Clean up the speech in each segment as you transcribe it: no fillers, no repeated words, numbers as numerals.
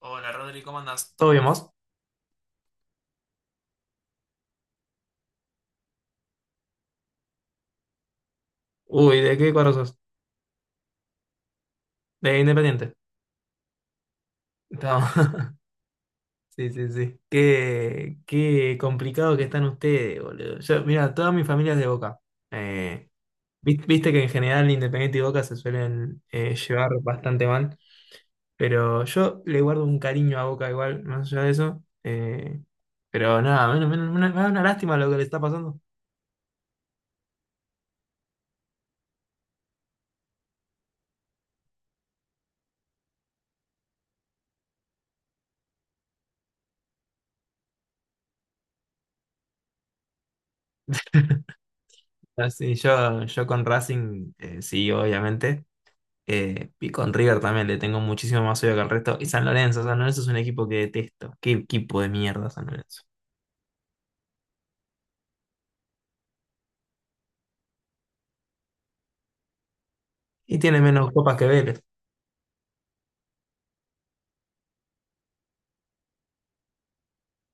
Hola Rodri, ¿cómo andás? ¿Todo bien vos? Uy, ¿de qué cuadro sos? De Independiente. Estamos- Sí, sí, sí. Qué complicado que están ustedes, boludo. Yo, mira, toda mi familia es de Boca. Eh, Viste que en general Independiente y Boca se suelen llevar bastante mal. Pero yo le guardo un cariño a Boca igual, más allá de eso. Pero nada, me da una lástima lo que le está pasando. Así, yo con Racing, sí, obviamente. Y con River también le tengo muchísimo más odio que el resto. Y San Lorenzo, San Lorenzo es un equipo que detesto. Qué equipo de mierda San Lorenzo. Y tiene menos copas que Vélez.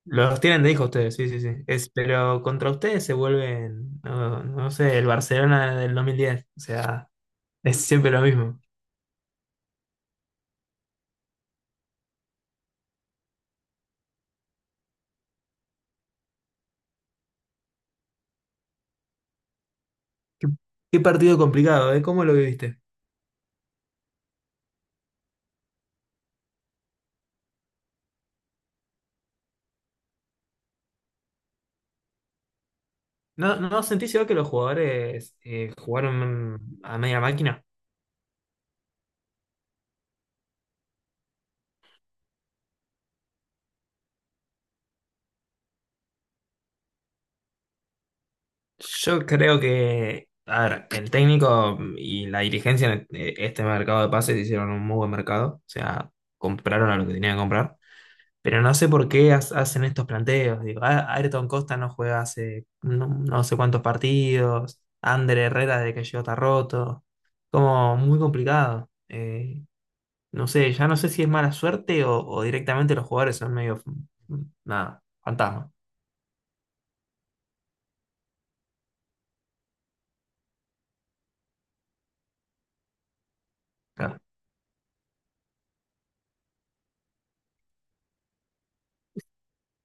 Los tienen de hijo ustedes, sí, sí, sí. Es, pero contra ustedes se vuelven, no, no sé, el Barcelona del 2010. O sea, es siempre lo mismo. Qué, qué partido complicado, ¿eh? ¿Cómo lo viviste? ¿No, no sentís igual que los jugadores jugaron a media máquina? Yo creo que, a ver, el técnico y la dirigencia en este mercado de pases hicieron un muy buen mercado, o sea, compraron a lo que tenían que comprar, pero no sé por qué hacen estos planteos. Digo, "Ah, Ayrton Costa no juega hace no, no sé cuántos partidos, Ander Herrera desde que llegó está roto, como muy complicado. No sé, ya no sé si es mala suerte o directamente los jugadores son medio, nada, fantasma. Claro.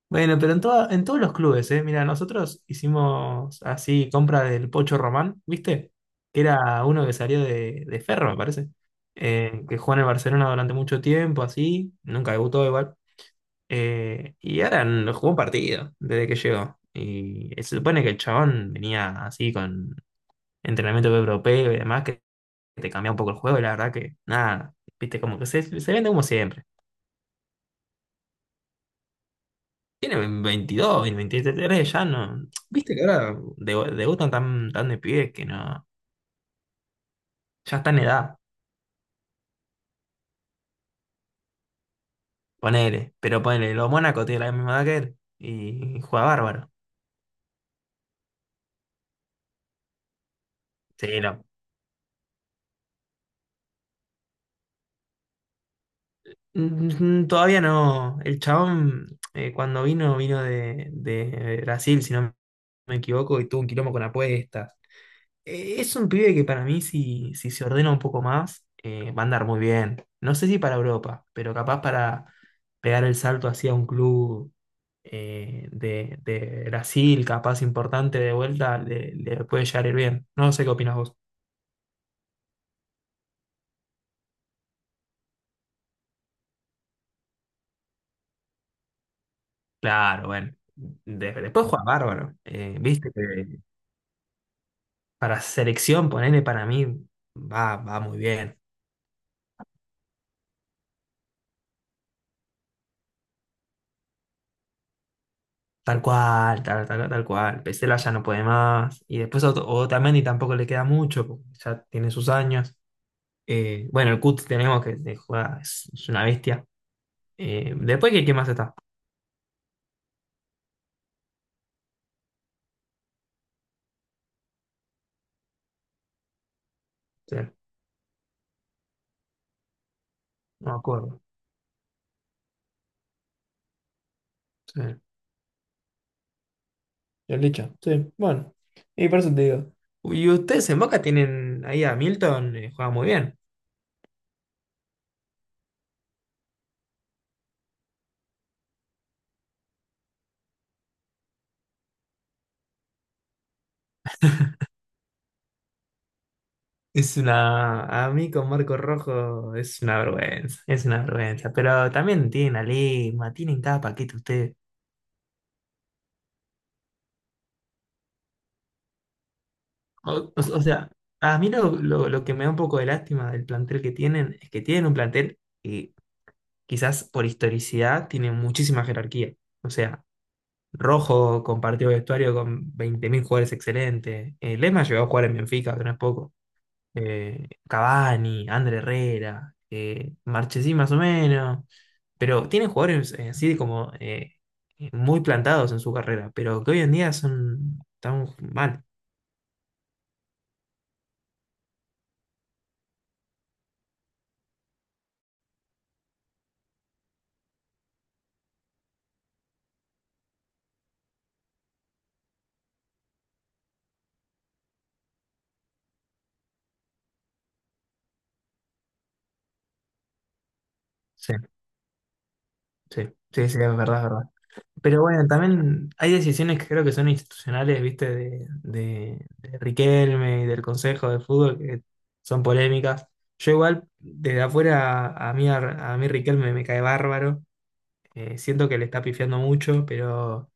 Bueno, pero en todos los clubes, ¿eh? Mira, nosotros hicimos así compra del Pocho Román, ¿viste? Que era uno que salió de Ferro, me parece. Que jugó en el Barcelona durante mucho tiempo, así. Nunca debutó igual. Y ahora no jugó un partido desde que llegó. Y se supone que el chabón venía así con entrenamiento europeo y demás, que te cambia un poco el juego. Y la verdad que, nada, ¿viste? Como que se vende como siempre. Tiene 22, 23, ya no. Viste que ahora debutan tan, tan de pibes que no. Ya está en edad, ponele. Pero ponele, los Mónaco tiene la misma edad que él y juega bárbaro. Sí, no. Todavía no. El chabón, cuando vino, vino de Brasil, si no me equivoco, y tuvo un quilombo con apuestas. Es un pibe que para mí, si, si se ordena un poco más, va a andar muy bien. No sé si para Europa, pero capaz para pegar el salto hacia un club de Brasil, capaz importante de vuelta, le puede llegar a ir bien. No sé qué opinas vos. Claro, bueno. Después juega bárbaro. Viste que para selección, ponele para mí, va, va muy bien. Tal cual, tal, tal, tal cual. Pesela ya no puede más. Y después Otamendi tampoco le queda mucho, porque ya tiene sus años. Bueno, el Cut tenemos que juega, es una bestia. Después, ¿qué más está? Sí, no me acuerdo. Sí. El dicho. Sí, bueno. Y por eso te digo. Y ustedes en Boca tienen ahí a Milton, juega muy bien. Es una. A mí con Marco Rojo es una vergüenza, es una vergüenza. Pero también tienen a Lima, tienen cada paquete ustedes. O, o- o sea, a mí lo que me da un poco de lástima del plantel que tienen es que tienen un plantel que quizás por historicidad tiene muchísima jerarquía. O sea, Rojo compartió vestuario con 20.000 jugadores excelentes. Lema llegó a jugar en Benfica, que no es poco. Cavani, André Herrera, Marchesín más o menos. Pero tienen jugadores así como muy plantados en su carrera, pero que hoy en día son tan mal. Sí, sí, sí, sí, es verdad, es verdad. Pero bueno, también hay decisiones que creo que son institucionales, viste, de Riquelme y del Consejo de Fútbol que son polémicas. Yo igual, desde afuera, a, mí Riquelme me cae bárbaro. Siento que le está pifiando mucho, pero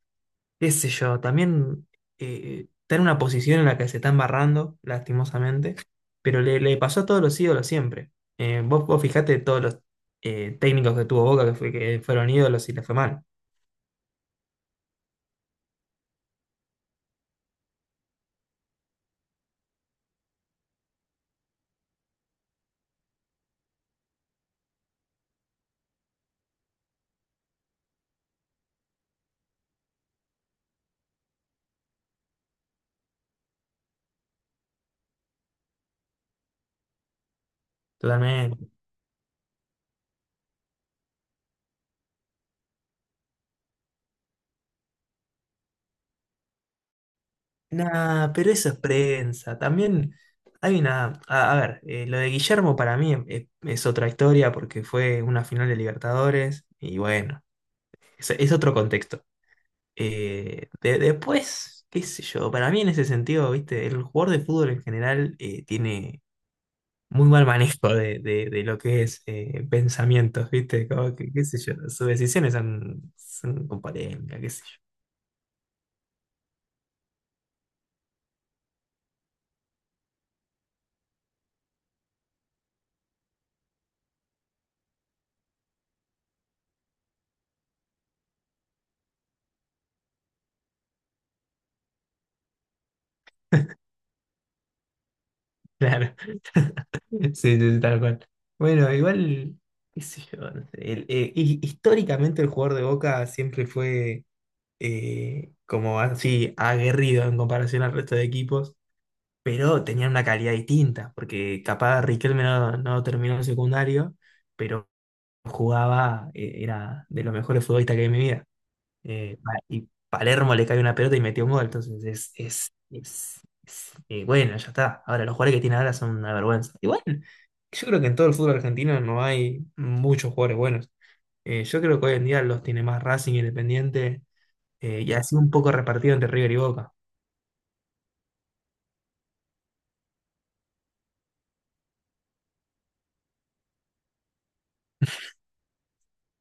qué sé yo, también está en una posición en la que se está embarrando, lastimosamente, pero le pasó a todos los ídolos siempre. Vos, vos fijate todos los técnicos que tuvo Boca que, que fueron ídolos y le fue mal. Totalmente. Nah, pero eso es prensa. También hay una. A ver, lo de Guillermo para mí es otra historia porque fue una final de Libertadores y bueno, es otro contexto. Después, qué sé yo, para mí en ese sentido, viste, el jugador de fútbol en general tiene muy mal manejo de, de lo que es pensamientos, viste, como que, qué sé yo, sus decisiones son, son con polémica, qué sé yo. Claro. Sí, sí, sí, tal cual. Bueno, igual, qué sé yo, no sé, históricamente el jugador de Boca siempre fue como así aguerrido en comparación al resto de equipos, pero tenían una calidad distinta, porque capaz Riquelme no, no terminó el secundario, pero jugaba, era de los mejores futbolistas que hay en mi vida. Y Palermo le cae una pelota y metió un gol. Entonces bueno, ya está. Ahora, los jugadores que tiene ahora son una vergüenza. Igual, yo creo que en todo el fútbol argentino no hay muchos jugadores buenos. Yo creo que hoy en día los tiene más Racing Independiente y así un poco repartido entre River y Boca.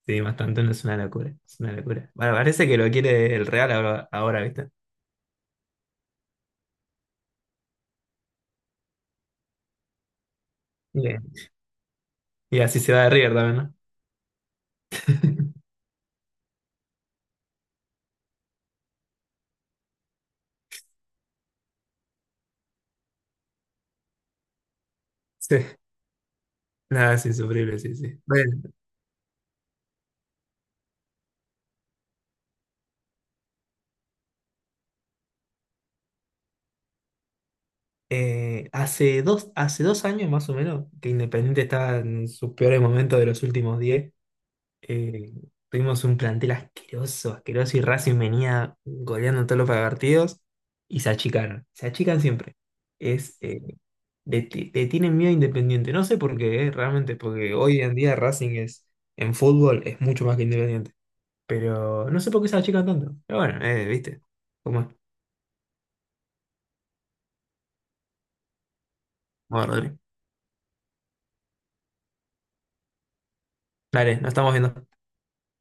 Sí, bastante, no es una locura. Es una locura. Bueno, parece que lo quiere el Real ahora, ahora, ¿viste? Bien. Y así se va de River también, ¿no? Sí. Nada, es insufrible, sí, sí. Bueno, hace dos años más o menos, que Independiente estaba en sus peores momentos de los últimos 10. eh, Tuvimos un plantel asqueroso, asqueroso, y Racing venía goleando en todos los partidos y se achicaron. Se achican siempre. Es, le tienen miedo a Independiente. No sé por qué, realmente, porque hoy en día Racing es, en fútbol es mucho más que Independiente. Pero no sé por qué se achican tanto. Pero bueno, viste. ¿Cómo es? Bueno, Rodri. Dale, nos estamos viendo.